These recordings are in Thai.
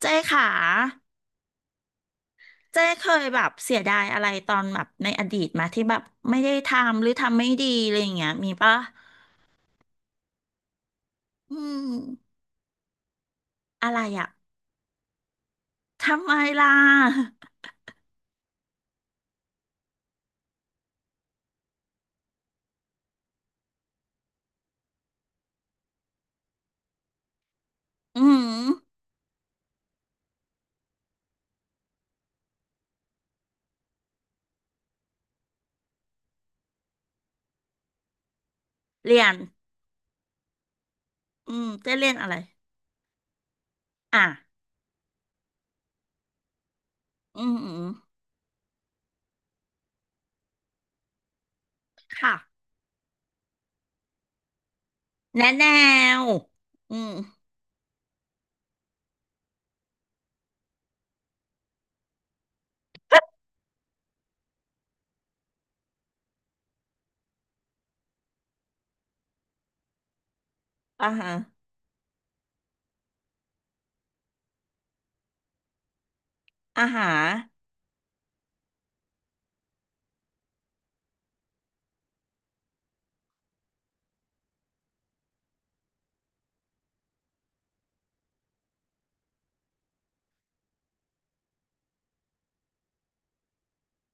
เจ้ค่ะเจ้เคยแบบเสียดายอะไรตอนแบบในอดีตมาที่แบบไม่ได้ทำหรือทำไม่ดีอะไรอย่างเงี้ยมีปะอืมอะไรอะทำไมล่ะอืมเรียนอืมเจ้เรียนอะไร อ่ะอืมอืมค่ะแนะแนวอืมอ่าฮะอ่าฮะ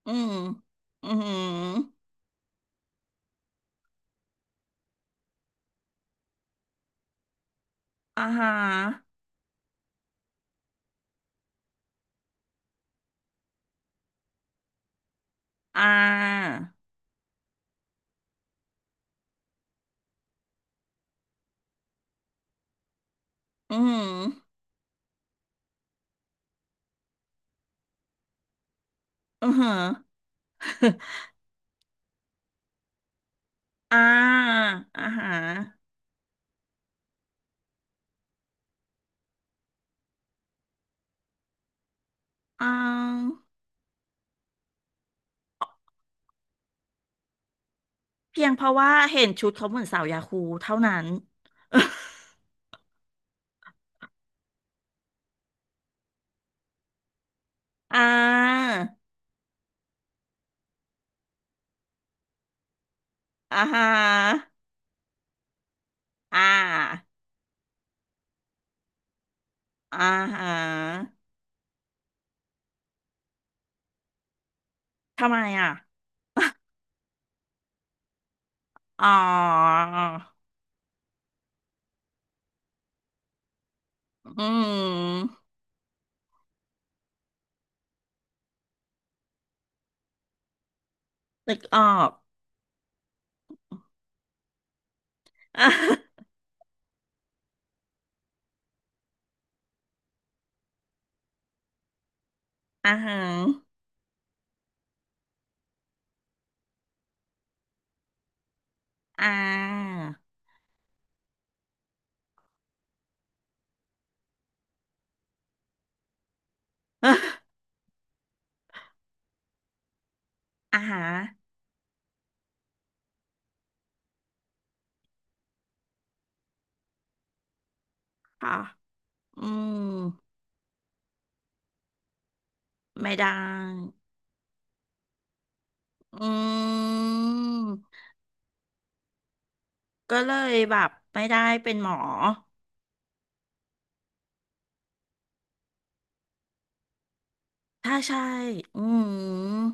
อืมอืมอ่าฮะอ่าอืมอือฮะ อ่า อ่าฮะ อ่าเพียงเพราะว่าเห็นชุดเขาเหมือนสาวยาคูเท่านั้น อ่าอ่าฮะอ่าอ่าฮะทำไมอ่ะอ๋ออืมนึกออก อ่าอ่าฮะอ่า อ่าฮะค่ะอืมไม่ได้อืมก็เลยแบบไม่ได้เป็นหมอ ถ้าใช่ อืม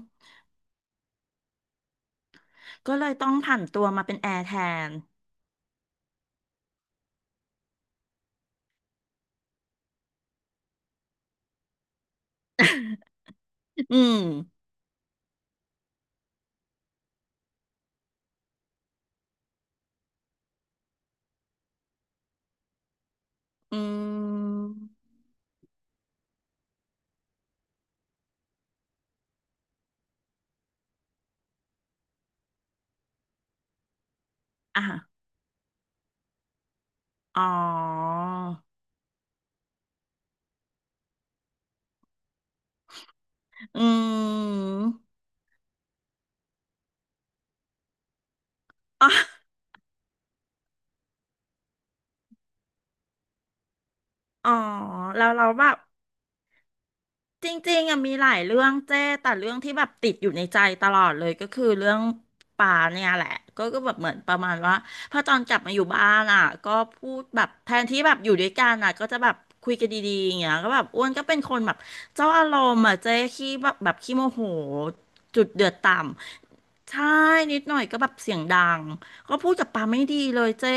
ก็เลยต้องผันตัวมาเป็นแอร์แทน อืม อืม อ่ะ อ๋ออืมอ๋ออ๋อแล้วเราแบบ จริงๆอ่ะมีหลายเรื่องเจ้แต่เรื่องที่แบบติดอยู่ในใจตลอดเลยก็คือเรื่องป่าเนี่ยแหละก็ก็แบบเหมือนประมาณว่าพอตอนกลับมาอยู่บ้านอ่ะก็พูดแบบแทนที่แบบอยู่ด้วยกันอ่ะก็จะแบบคุยกันดีๆอย่างเงี้ยก็แบบอ้วนก็เป็นคนแบบเจ้าอารมณ์อ่ะเจ้ขี้แบบแบบขี้โมโหจุดเดือดต่ำใช่นิดหน่อยก็แบบเสียงดังก็พูดกับปาไม่ดีเลยเจ้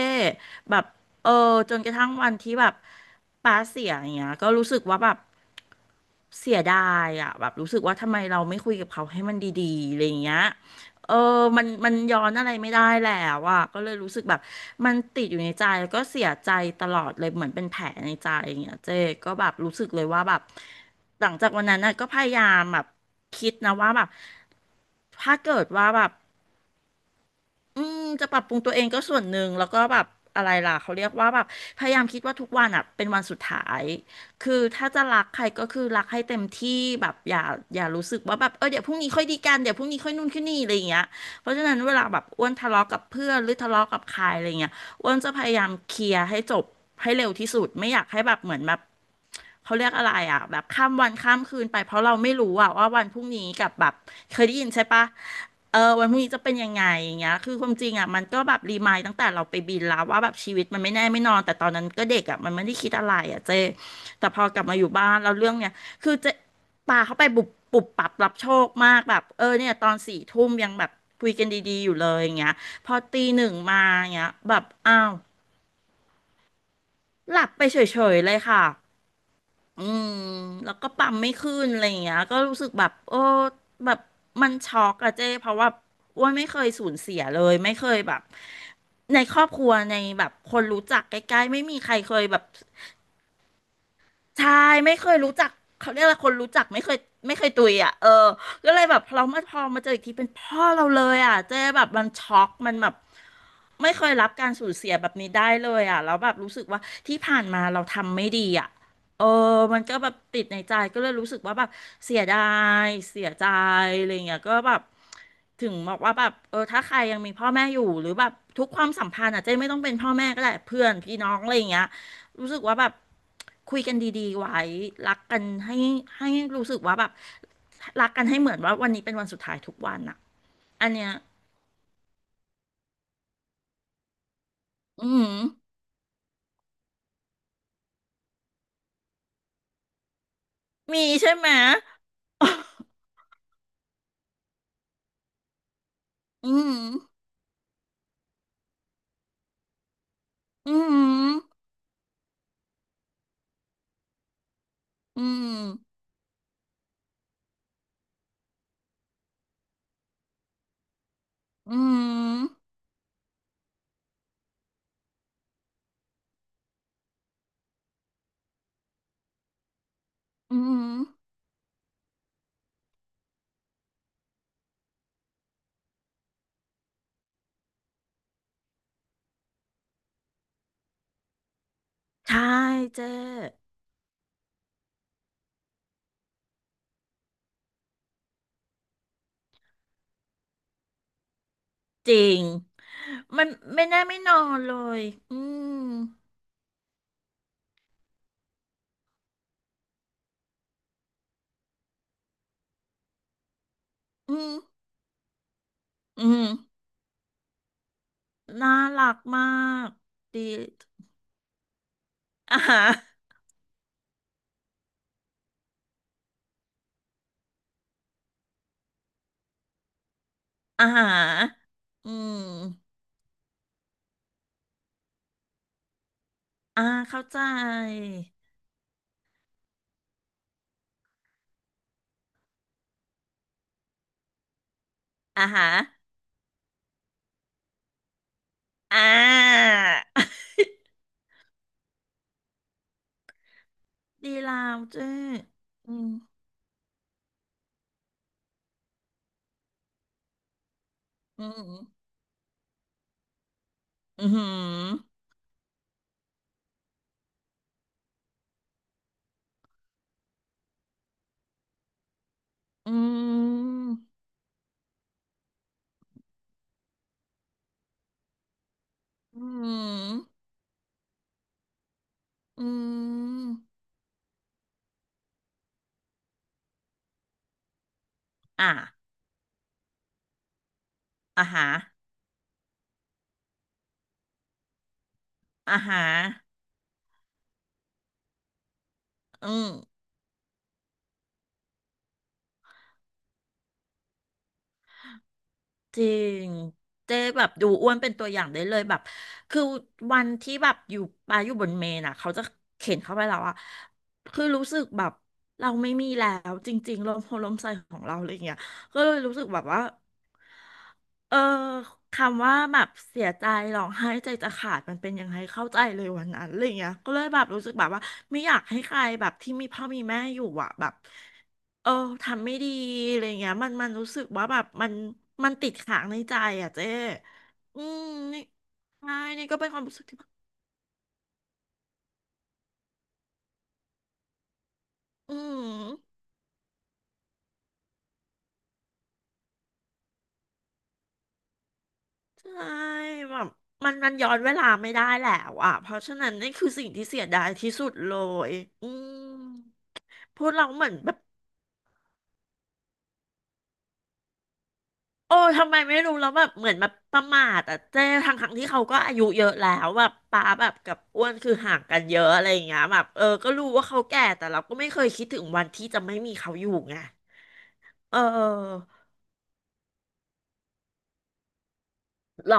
แบบ เออจนกระทั่งวันที่แบบป้าเสียอย่างเงี้ยก็รู้สึกว่าแบบเสียดายอ่ะแบบรู้สึกว่าทำไมเราไม่คุยกับเขาให้มันดีๆอะไรอย่างเงี้ยเออมันมันย้อนอะไรไม่ได้แล้วอ่ะก็เลยรู้สึกแบบมันติดอยู่ในใจแล้วก็เสียใจตลอดเลยเหมือนเป็นแผลในใจอย่างเงี้ยเจ๊ก็แบบรู้สึกเลยว่าแบบหลังจากวันนั้นน่ะก็พยายามแบบคิดนะว่าแบบถ้าเกิดว่าแบบ อืมจะปรับปรุงตัวเองก็ส่วนหนึ่งแล้วก็แบบอะไรล่ะเขาเรียกว่าแบบพยายามคิดว่าทุกวันอ่ะเป็นวันสุดท้ายคือถ้าจะรักใครก็คือรักให้เต็มที่แบบอย่าอย่ารู้สึกว่าแบบเออเดี๋ยวพรุ่งนี้ค่อยดีกันเดี๋ยวพรุ่งนี้ค่อยนู่นค่อยนี่อะไรอย่างเงี้ยเพราะฉะนั้นเวลาแบบอ้วนทะเลาะกับเพื่อนหรือทะเลาะกับใครอะไรเงี้ยอ้วนจะพยายามเคลียร์ให้จบให้เร็วที่สุดไม่อยากให้แบบเหมือนแบบเขาเรียกอะไรอ่ะแบบข้ามวันข้ามคืนไปเพราะเราไม่รู้อ่ะว่าวันพรุ่งนี้กับแบบ เคยได้ยินใช่ปะเออวันพรุ่งนี้จะเป็นยังไงอย่างเงี้ยคือความจริงอ่ะมันก็แบบรีมายด์ตั้งแต่เราไปบินแล้วว่าแบบชีวิตมันไม่แน่ไม่นอนแต่ตอนนั้นก็เด็กอ่ะมันไม่ได้คิดอะไรอ่ะเจแต่พอกลับมาอยู่บ้านแล้วเรื่องเนี้ยคือเจะปาเข้าไปบุบปุบปับรับโชคมากแบบเออเนี่ยตอนสี่ทุ่มยังแบบคุยกันดีๆอยู่เลยอย่างเงี้ยพอตีหนึ่งมาอย่างเงี้ยแบบอ้าวหลับไปเฉยๆเลยค่ะ อืมแล้วก็ปั๊มไม่ขึ้นอะไรอย่างเงี้ยก็รู้สึกแบบโอ้แบบมันช็อกอะเจ้เพราะว่าอ้วนไม่เคยสูญเสียเลยไม่เคยแบบในครอบครัวในแบบคนรู้จักใกล้ๆไม่มีใครเคยแบบ ใช่ไม่เคยรู้จักเขาเรียกอะไรคนรู้จักไม่เคยไม่เคยตุยอ่ะเออก็เลยแบบเรามาพอมาเจออีกทีเป็นพ่อเราเลยอ่ะเจ๊แบบมันช็อกมันแบบไม่เคยรับการสูญเสียแบบนี้ได้เลยอ่ะแล้วแบบรู้สึกว่าที่ผ่านมาเราทำไม่ดีอ่ะเออมันก็แบบติดในใจก็เลยรู้สึกว่าแบบเสียดายเสียใจอะไรเงี้ยก็แบบถึงบอกว่าแบบเออถ้าใครยังมีพ่อแม่อยู่หรือแบบทุกความสัมพันธ์อ่ะเจ๊ไม่ต้องเป็นพ่อแม่ก็ได้เพื่อนพี่น้องอะไรเงี้ยรู้สึกว่าแบบ คุยกันดีๆไว้รักกันให้ให้รู้สึกว่าแบบรักกันให้เหมือนว่าวันนี้เป็นวันสุดท้ายทุกวันอะอันเนี้ยอืมมีใช่ไหม อืม อืมอืมอืมอืมใช่เจ๊จริงมันไม่แน่ไม่นอนเลยอืมอืมอืมน่ารักมากดีอ่ารอ่ารอืมอ่าเข้าใจ อ่าฮะอ่า ดีลาวเจ้ออืมอืมอืมอืมอืมอืมอ่าอ่าฮะอ่าฮะอืม จริงเจ๊แบบดูอ้วนเป็นตัวอย่างได้เลยแบบคือวันที่แบบอยู่ปาอยู่บนเมนอ่ะเขาจะเข็นเข้าไปแล้วอะคือรู้สึกแบบเราไม่มีแล้วจริงๆลมโพลมใส่ของเราอะไรอย่างเงี้ยก็เลยรู้สึกแบบว่าเออคำว่าแบบเสียใจร้องไห้ใจจะขาดมันเป็นยังไงเข้าใจเลยวันนั้นอะไรเงี้ยก็เลยแบบรู้สึกแบบว่าไม่อยากให้ใครแบบที่มีพ่อมีแม่อยู่อะแบบ เออทำไม่ดีอะไรเงี้ยมันรู้สึกว่าแบบมันติดขังในใจอ่ะเจ๊อืมนี่ใช่นี่ก็เป็นความรู้สึกที่แบบอืมใช่แบบมันย้อนเวลาไม่ได้แล้วอ่ะเพราะฉะนั้นนี่คือสิ่งที่เสียดายที่สุดเลยอืมพูดเราเหมือนแบบ โอ้ทำไมไม่รู้แล้วแบบเหมือนแบบประมาทอ่ะเจ๊ทั้งที่เขาก็อายุเยอะแล้วแบบป้าแบบกับอ้วนคือห่างกันเยอะอะไรอย่างเงี้ยแบบเออก็รู้ว่าเขาแก่แต่เราก็ไม่เคยคิดถึงวันที่จะไม่มีเขาอยู่ไงเออหรอ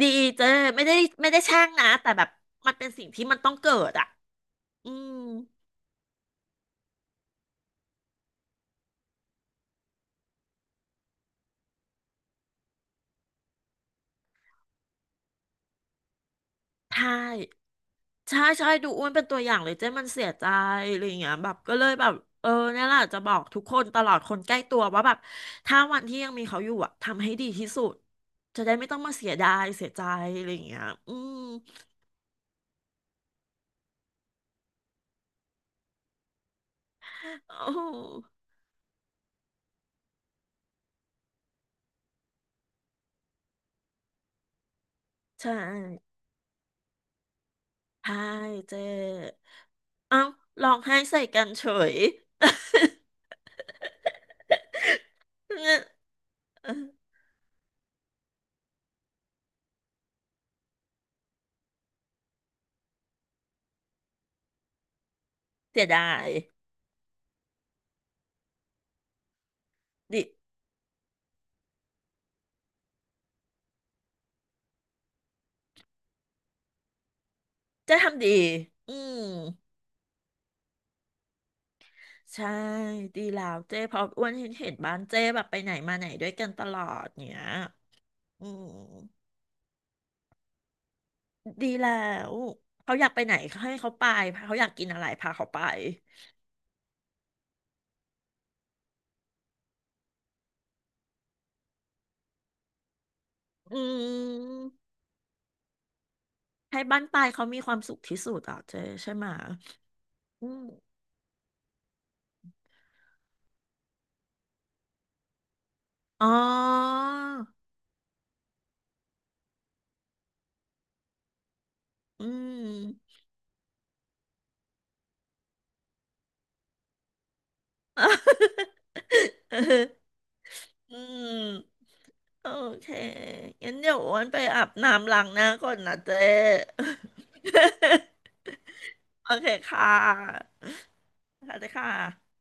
ดีเจ๊ไม่ได้ไม่ได้แช่งนะแต่แบบมันเป็นสิ่งที่มันต้องเกิดอ่ะอืม ใช่ใช่ใช่ดูอ้วนเป็นตัวอย่างเลยเจ้มันเสียใจอะไรอย่างเงี้ยแบบก็เลยแบบเออเนี่ยแหละจะบอกทุกคนตลอดคนใกล้ตัวว่าแบบถ้าวันที่ยังมีเขาอยู่อะทำให้ดีที่สุดจะได้ไม่ต้องมาเสียดายเสียใจอะไรอย่างเงี้ยอืมโอ้ใช่ใช่เจ้เอ้าร้องไห้ใส่กันเฉยเนี่ยเออเสียดายดิเจ้ทำดีอืม ใช่ดีแล้วเจ้เพออ้วนเห็นบ้านเจ้แบบไปไหนมาไหนด้วยกันตลอดเนี้ยอืมดีแล้วเขาอยากไปไหนให้เขาไปพาเขาอยากกินอะไรพาเขาไปอืมให้บ้านปลายเขามีความสุขที่สุดอ่ะเจ๊ใช่ไหมอืมอ๋ออืม อืมโอเคงั้นเดี๋ยวอ้วันไปอาบน้ำล้างหน้าก่อนนะเจ๊ โอเคค่ะ สวัสดีค่ะ